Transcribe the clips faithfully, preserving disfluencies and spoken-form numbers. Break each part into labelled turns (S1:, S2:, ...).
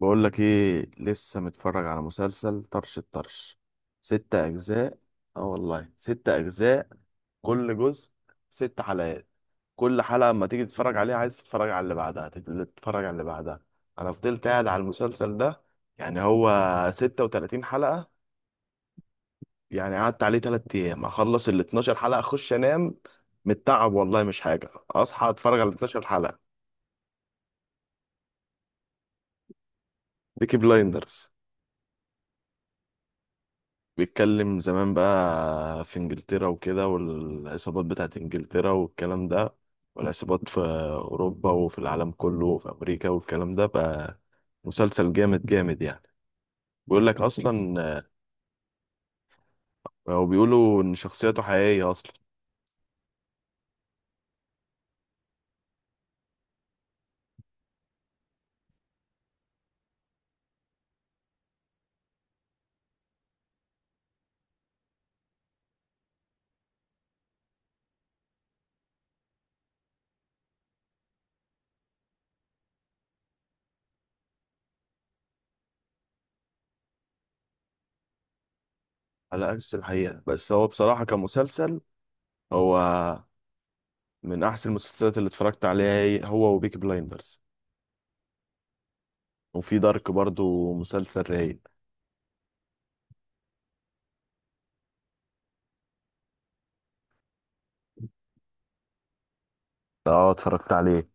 S1: بقول لك ايه، لسه متفرج على مسلسل طرش الطرش. ستة اجزاء. اه والله، ستة اجزاء. كل جزء ست حلقات. كل حلقة اما تيجي تتفرج عليها عايز تتفرج على اللي بعدها، تت- تتفرج على اللي بعدها. انا فضلت قاعد على المسلسل ده، يعني هو ستة وتلاتين حلقة. يعني قعدت عليه تلات ايام اخلص ال اتناشر حلقة اخش انام من التعب. والله مش حاجة اصحى اتفرج على اثنا عشر حلقة. بيكي بلايندرز بيتكلم زمان بقى في انجلترا وكده، والعصابات بتاعت انجلترا والكلام ده، والعصابات في اوروبا وفي العالم كله وفي امريكا والكلام ده بقى. مسلسل جامد جامد يعني. بيقول لك اصلا، هو بيقولوا ان شخصيته حقيقية اصلا. على عكس الحقيقة، بس هو بصراحة كمسلسل، هو من احسن المسلسلات اللي اتفرجت عليها، هي- هو وبيكي بلايندرز. وفي دارك برضو مسلسل رايق. اه، اتفرجت عليه.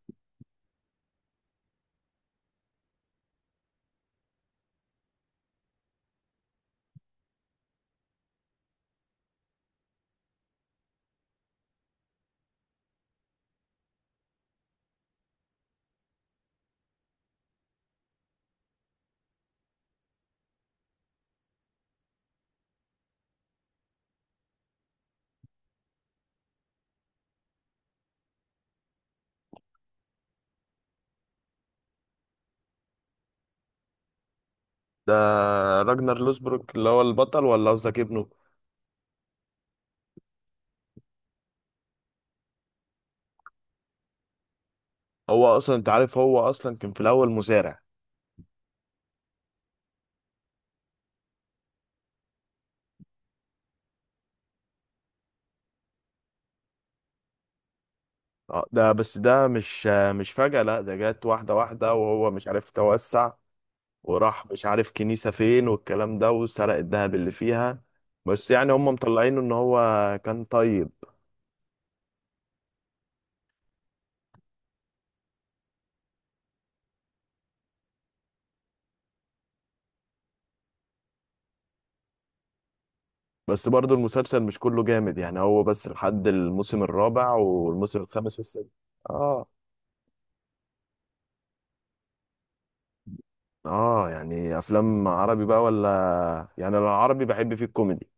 S1: ده راجنر لوسبروك اللي هو البطل، ولا قصدك ابنه؟ هو اصلا انت عارف، هو اصلا كان في الاول مزارع. اه، ده بس ده مش آه، مش فجأة. لا، ده جت واحدة واحدة وهو مش عارف توسع، وراح مش عارف كنيسة فين والكلام ده، وسرق الذهب اللي فيها. بس يعني هم مطلعينه ان هو كان طيب. بس برضو المسلسل مش كله جامد، يعني هو بس لحد الموسم الرابع، والموسم الخامس والسادس. اه. اه يعني افلام عربي بقى ولا؟ يعني انا العربي بحب فيه الكوميدي.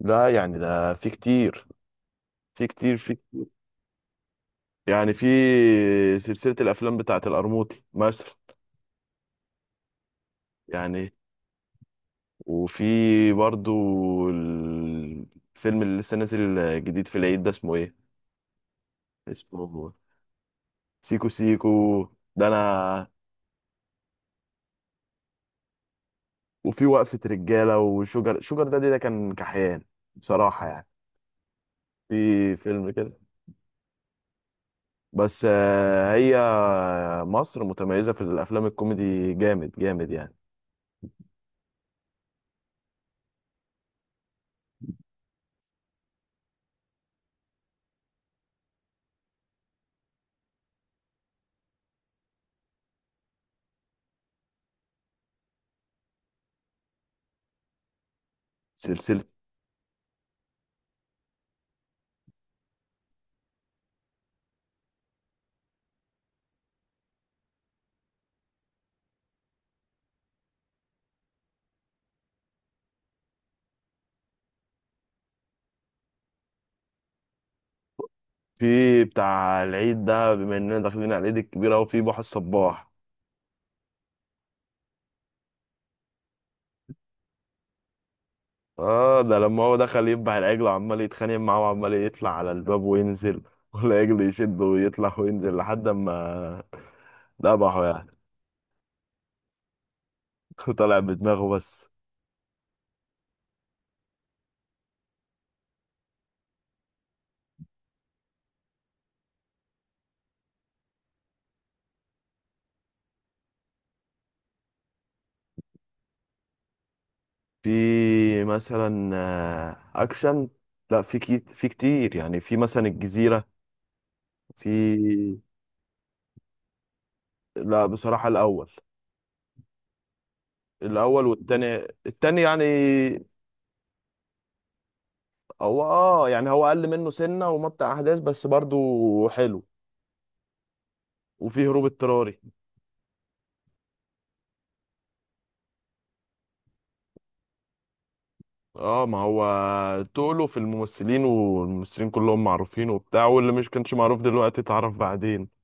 S1: لا يعني ده في كتير، في كتير في، يعني في سلسلة الأفلام بتاعة القرموطي مثلا. يعني وفي برضو الفيلم اللي لسه نازل جديد في العيد ده، اسمه ايه؟ اسمه سيكو سيكو ده أنا. وفي وقفة رجالة وشجر شجر، ده ده كان كحيان بصراحة يعني. في فيلم كده بس آه، هي مصر متميزة في الأفلام الكوميدي جامد جامد يعني. سلسلة في بتاع العيد ده بما إننا داخلين على العيد الكبير أهو، في بحر الصباح. اه، ده لما هو دخل يذبح العجل وعمال يتخانق معاه وعمال يطلع على الباب وينزل والعجل يشده ويطلع وينزل لحد ما ذبحه يعني. طلع بدماغه بس. في مثلا آه، اكشن. لا، في كي... في كتير يعني، في مثلا الجزيرة في. لا بصراحة الاول. الاول والتاني، التاني يعني هو، اه يعني هو اقل منه سنة ومط احداث بس برضو حلو. وفي هروب اضطراري. اه ما هو تقله في الممثلين، والممثلين كلهم معروفين وبتاع، واللي مش كانش معروف دلوقتي اتعرف بعدين.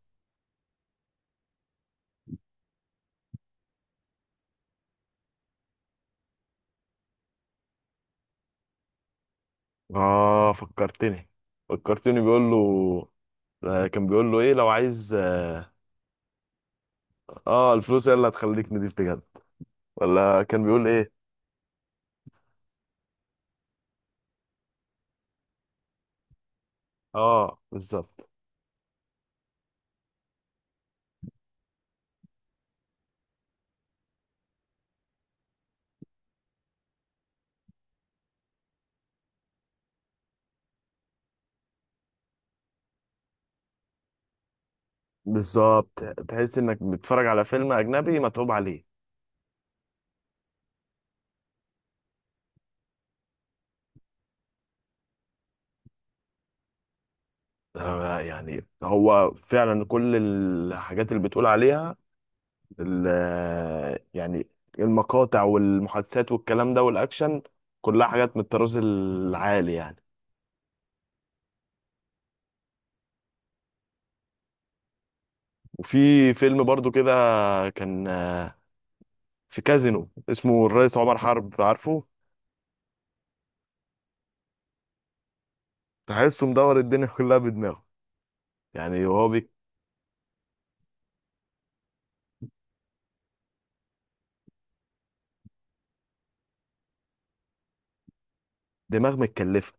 S1: اه، فكرتني فكرتني بيقول له. آه، كان بيقول له ايه لو عايز، اه، آه، الفلوس هي اللي هتخليك نضيف بجد، ولا كان بيقول ايه؟ اه بالظبط. بالظبط، تحس انك بتتفرج على فيلم اجنبي متعوب عليه. آه، يعني هو فعلا كل الحاجات اللي بتقول عليها، ال- يعني المقاطع والمحادثات والكلام ده والاكشن، كلها حاجات من الطراز العالي يعني. وفي فيلم برضو كده كان آه، في كازينو اسمه الرئيس عمر حرب، عارفه؟ تحسه مدور الدنيا كلها بدماغه. يعني هو بي- دماغ متكلفه.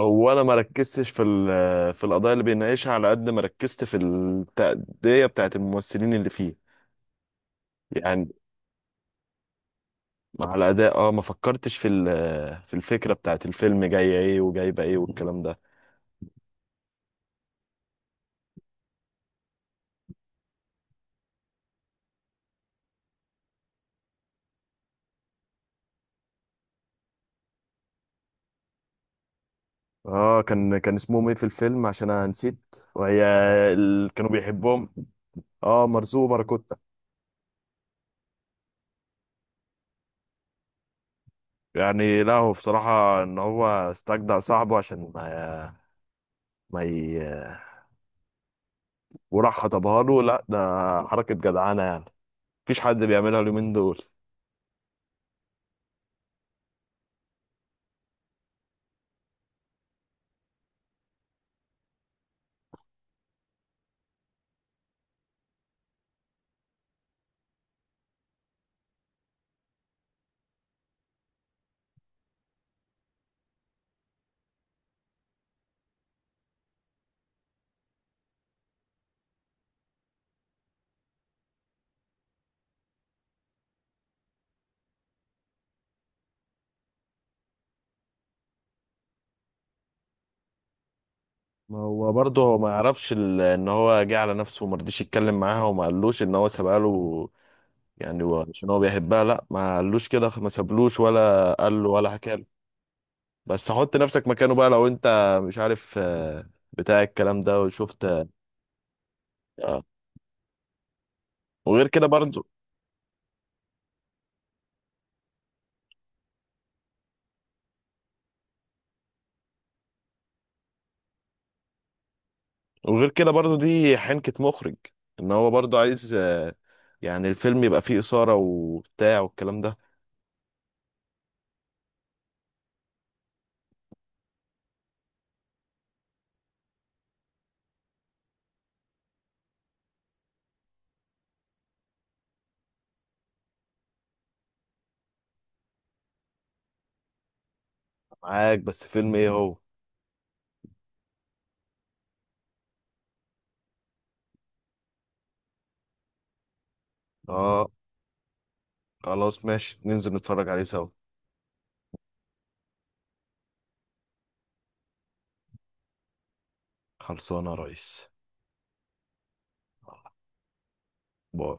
S1: اولا ما ركزتش في ال- في القضايا اللي بيناقشها على قد ما ركزت في التأدية بتاعت الممثلين اللي فيه. يعني مع الأداء، اه، ما فكرتش في ال- في الفكرة بتاعت الفيلم جاية ايه وجايبة ايه والكلام ده. اه كان كان اسمهم ايه في الفيلم عشان انا نسيت؟ وهي ال... كانوا بيحبهم. اه، مرزوق وباراكوتا. يعني لا هو بصراحة ان هو استجدع صاحبه عشان ما ما ي... وراح خطبها له. لا ده حركة جدعانة يعني. مفيش حد بيعملها اليومين دول. ما هو برضه هو ما يعرفش ال- ان هو جه على نفسه وما رضيش يتكلم معاها وما قالوش ان هو سابها له. يعني هو عشان هو بيحبها، لا ما قالوش كده، ما سابلوش ولا قال له ولا حكى له. بس حط نفسك مكانه بقى، لو انت مش عارف آه، بتاع الكلام ده وشفت. آه. وغير كده برضو. وغير كده برضو، دي حنكة مخرج. ان هو برضو عايز آه، يعني الفيلم يبقى فيه إثارة وبتاع والكلام ده. معاك، بس فيلم ايه هو؟ اه، خلاص ماشي، ننزل نتفرج عليه سوا. خلصانه يا ريس. باي.